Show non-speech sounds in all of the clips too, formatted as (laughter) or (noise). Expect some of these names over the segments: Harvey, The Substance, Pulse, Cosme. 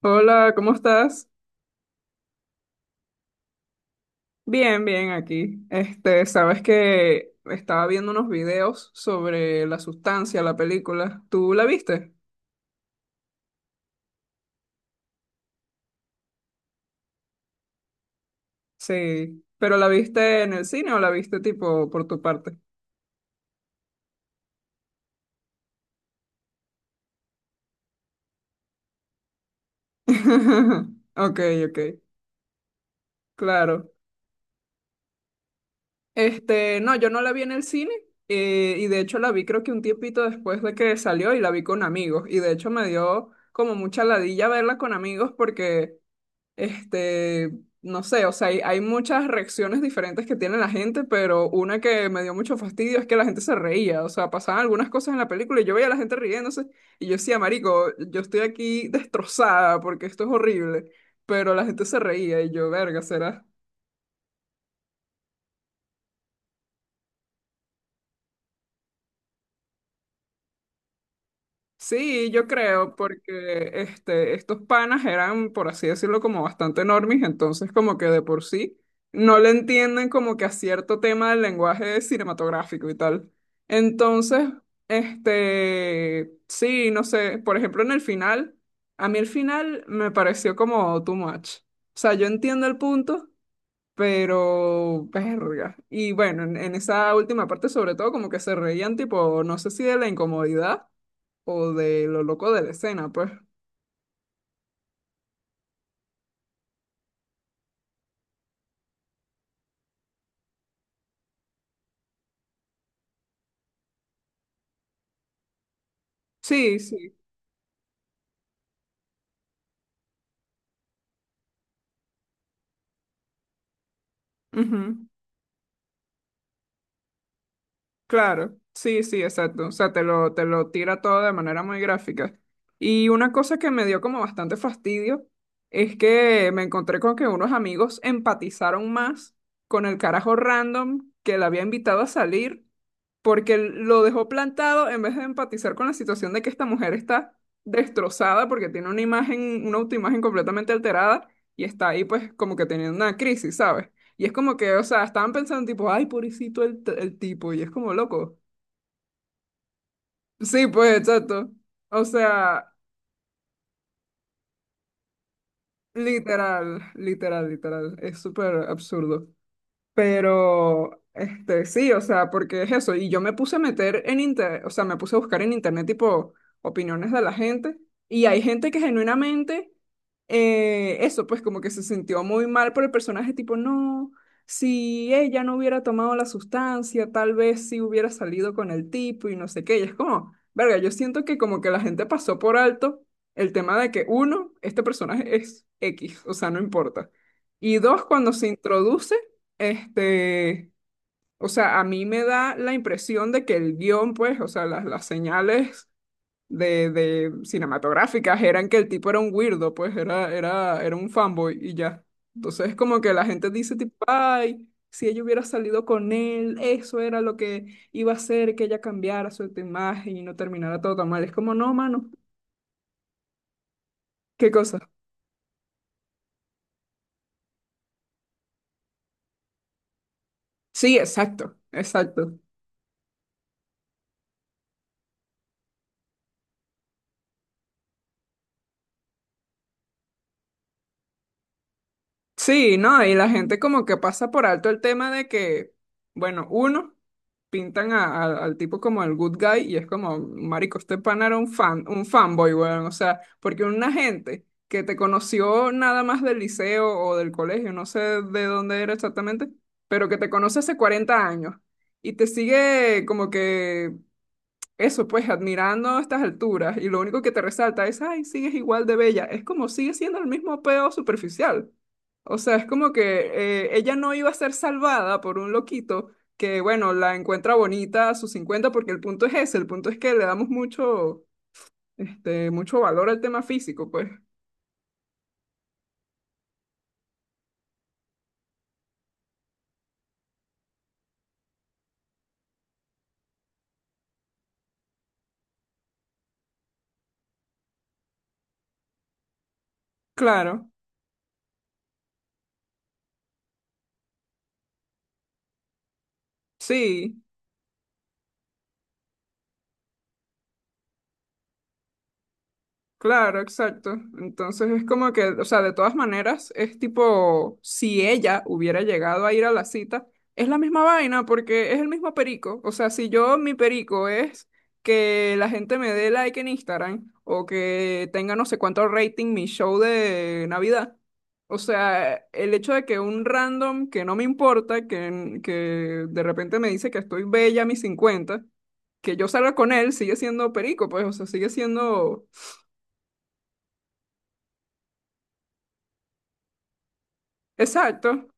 Hola, ¿cómo estás? Bien, bien aquí. Sabes que estaba viendo unos videos sobre la sustancia, la película. ¿Tú la viste? Sí. ¿Pero la viste en el cine o la viste tipo por tu parte? (laughs) Ok, ok, claro. No, yo no la vi en el cine, y de hecho la vi creo que un tiempito después de que salió y la vi con amigos, y de hecho me dio como mucha ladilla verla con amigos porque, Este, no sé, o sea, hay muchas reacciones diferentes que tiene la gente, pero una que me dio mucho fastidio es que la gente se reía, o sea, pasaban algunas cosas en la película y yo veía a la gente riéndose y yo decía, marico, yo estoy aquí destrozada porque esto es horrible, pero la gente se reía y yo, verga, será. Sí, yo creo, porque estos panas eran, por así decirlo, como bastante normis, entonces como que de por sí no le entienden como que a cierto tema del lenguaje cinematográfico y tal. Entonces, sí, no sé, por ejemplo, en el final, a mí el final me pareció como too much. O sea, yo entiendo el punto, pero verga. Y bueno, en esa última parte sobre todo como que se reían tipo, no sé si de la incomodidad o de lo loco de la escena, pues. Sí, sí. Ujú. Claro. Sí, sí, exacto. O sea, te lo tira todo de manera muy gráfica. Y una cosa que me dio como bastante fastidio es que me encontré con que unos amigos empatizaron más con el carajo random que la había invitado a salir porque lo dejó plantado en vez de empatizar con la situación de que esta mujer está destrozada porque tiene una imagen, una autoimagen completamente alterada y está ahí pues como que teniendo una crisis, ¿sabes? Y es como que, o sea, estaban pensando tipo, ay, pobrecito el tipo, y es como loco. Sí, pues, exacto. O sea, literal, literal, literal, es súper absurdo. Pero, sí, o sea, porque es eso. Y yo me puse a meter en internet, o sea, me puse a buscar en internet tipo opiniones de la gente. Y hay gente que genuinamente, eso, pues como que se sintió muy mal por el personaje, tipo, no, si ella no hubiera tomado la sustancia, tal vez sí hubiera salido con el tipo y no sé qué. Y es como, verga, yo siento que como que la gente pasó por alto el tema de que, uno, este personaje es X, o sea, no importa. Y dos, cuando se introduce este, o sea, a mí me da la impresión de que el guión, pues, o sea, las señales de cinematográficas eran que el tipo era un weirdo, pues, era un fanboy y ya. Entonces, como que la gente dice, tipo, ay, si ella hubiera salido con él, eso era lo que iba a hacer que ella cambiara su imagen y no terminara todo tan mal. Es como, no, mano, qué cosa. Sí, exacto, exacto. Sí, ¿no? Y la gente como que pasa por alto el tema de que, bueno, uno, pintan al tipo como el good guy y es como, marico, este pana era un fan, un fanboy, weón. O sea, porque una gente que te conoció nada más del liceo o del colegio, no sé de dónde era exactamente, pero que te conoce hace 40 años y te sigue como que eso, pues, admirando a estas alturas y lo único que te resalta es, ay, sigues igual de bella. Es como sigue siendo el mismo peo superficial. O sea, es como que ella no iba a ser salvada por un loquito que, bueno, la encuentra bonita a sus 50, porque el punto es ese, el punto es que le damos mucho valor al tema físico, pues. Claro, sí. Claro, exacto. Entonces es como que, o sea, de todas maneras, es tipo, si ella hubiera llegado a ir a la cita, es la misma vaina porque es el mismo perico. O sea, si yo, mi perico es que la gente me dé like en Instagram o que tenga no sé cuánto rating mi show de Navidad. O sea, el hecho de que un random que no me importa, que de repente me dice que estoy bella a mis 50, que yo salga con él, sigue siendo perico, pues, o sea, sigue siendo. Exacto,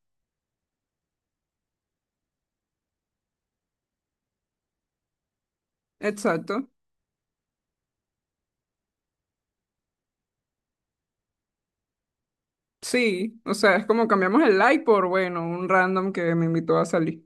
exacto. Sí, o sea, es como cambiamos el like por, bueno, un random que me invitó a salir.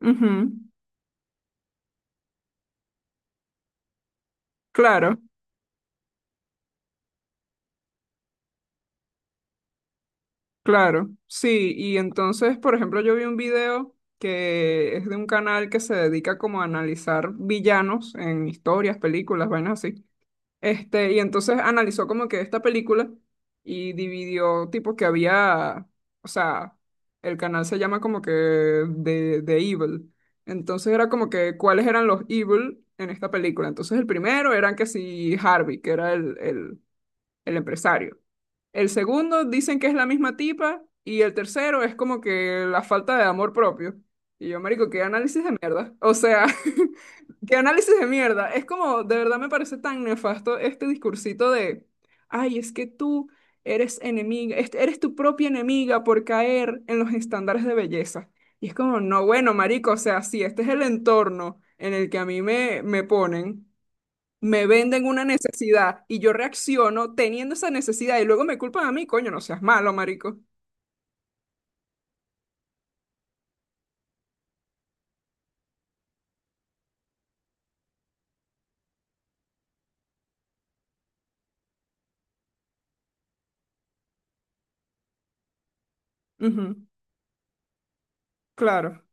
Ujú. Claro, claro. Sí, y entonces, por ejemplo, yo vi un video que es de un canal que se dedica como a analizar villanos en historias, películas, vainas así. Y entonces analizó como que esta película y dividió tipo que había, o sea, el canal se llama como que de Evil. Entonces era como que cuáles eran los Evil en esta película. Entonces el primero eran que si Harvey, que era el empresario. El segundo dicen que es la misma tipa y el tercero es como que la falta de amor propio. Y yo, marico, qué análisis de mierda. O sea, (laughs) qué análisis de mierda. Es como, de verdad me parece tan nefasto este discursito de, ay, es que tú eres enemiga, eres tu propia enemiga por caer en los estándares de belleza. Y es como, no, bueno, marico, o sea, sí, este es el entorno en el que a mí me, ponen, me venden una necesidad y yo reacciono teniendo esa necesidad y luego me culpan a mí, coño, no seas malo, marico. Ujú. Claro,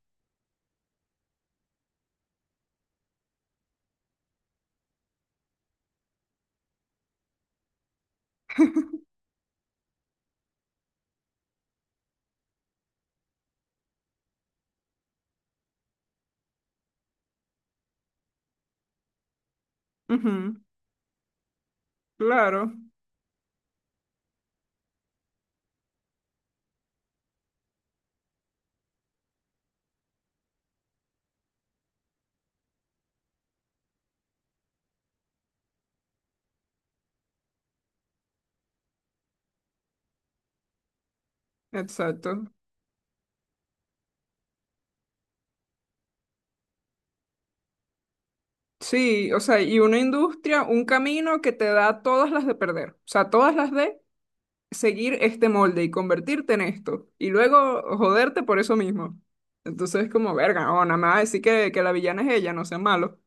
ujú, claro, exacto. Sí, o sea, y una industria, un camino que te da todas las de perder, o sea, todas las de seguir este molde y convertirte en esto y luego joderte por eso mismo. Entonces es como, verga, no, nada más decir que, la villana es ella, no sea malo.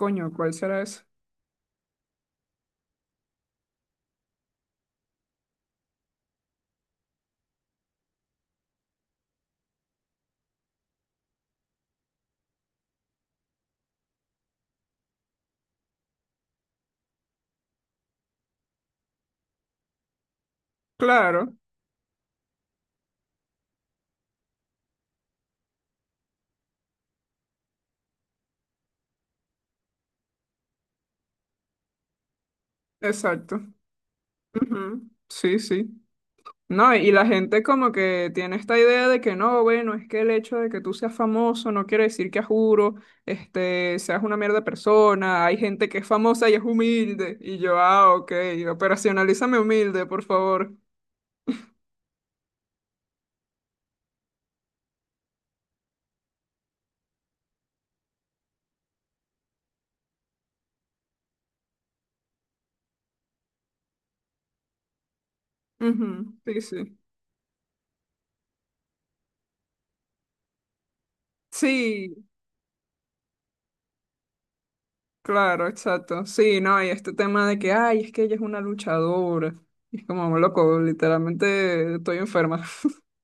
Coño, ¿cuál será eso? Claro, exacto. Ujú. Sí, sí. No, y la gente como que tiene esta idea de que no, bueno, es que el hecho de que tú seas famoso no quiere decir que a juro, seas una mierda persona. Hay gente que es famosa y es humilde. Y yo, ah, ok, operacionalízame humilde, por favor. Ujú. Sí, sí. Sí, claro, exacto. Sí, no, y este tema de que, ay, es que ella es una luchadora. Y es como, loco, literalmente estoy enferma. (laughs)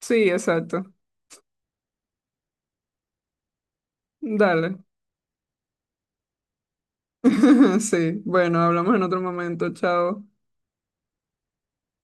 Sí, exacto. Dale. (laughs) Sí, bueno, hablamos en otro momento, chao.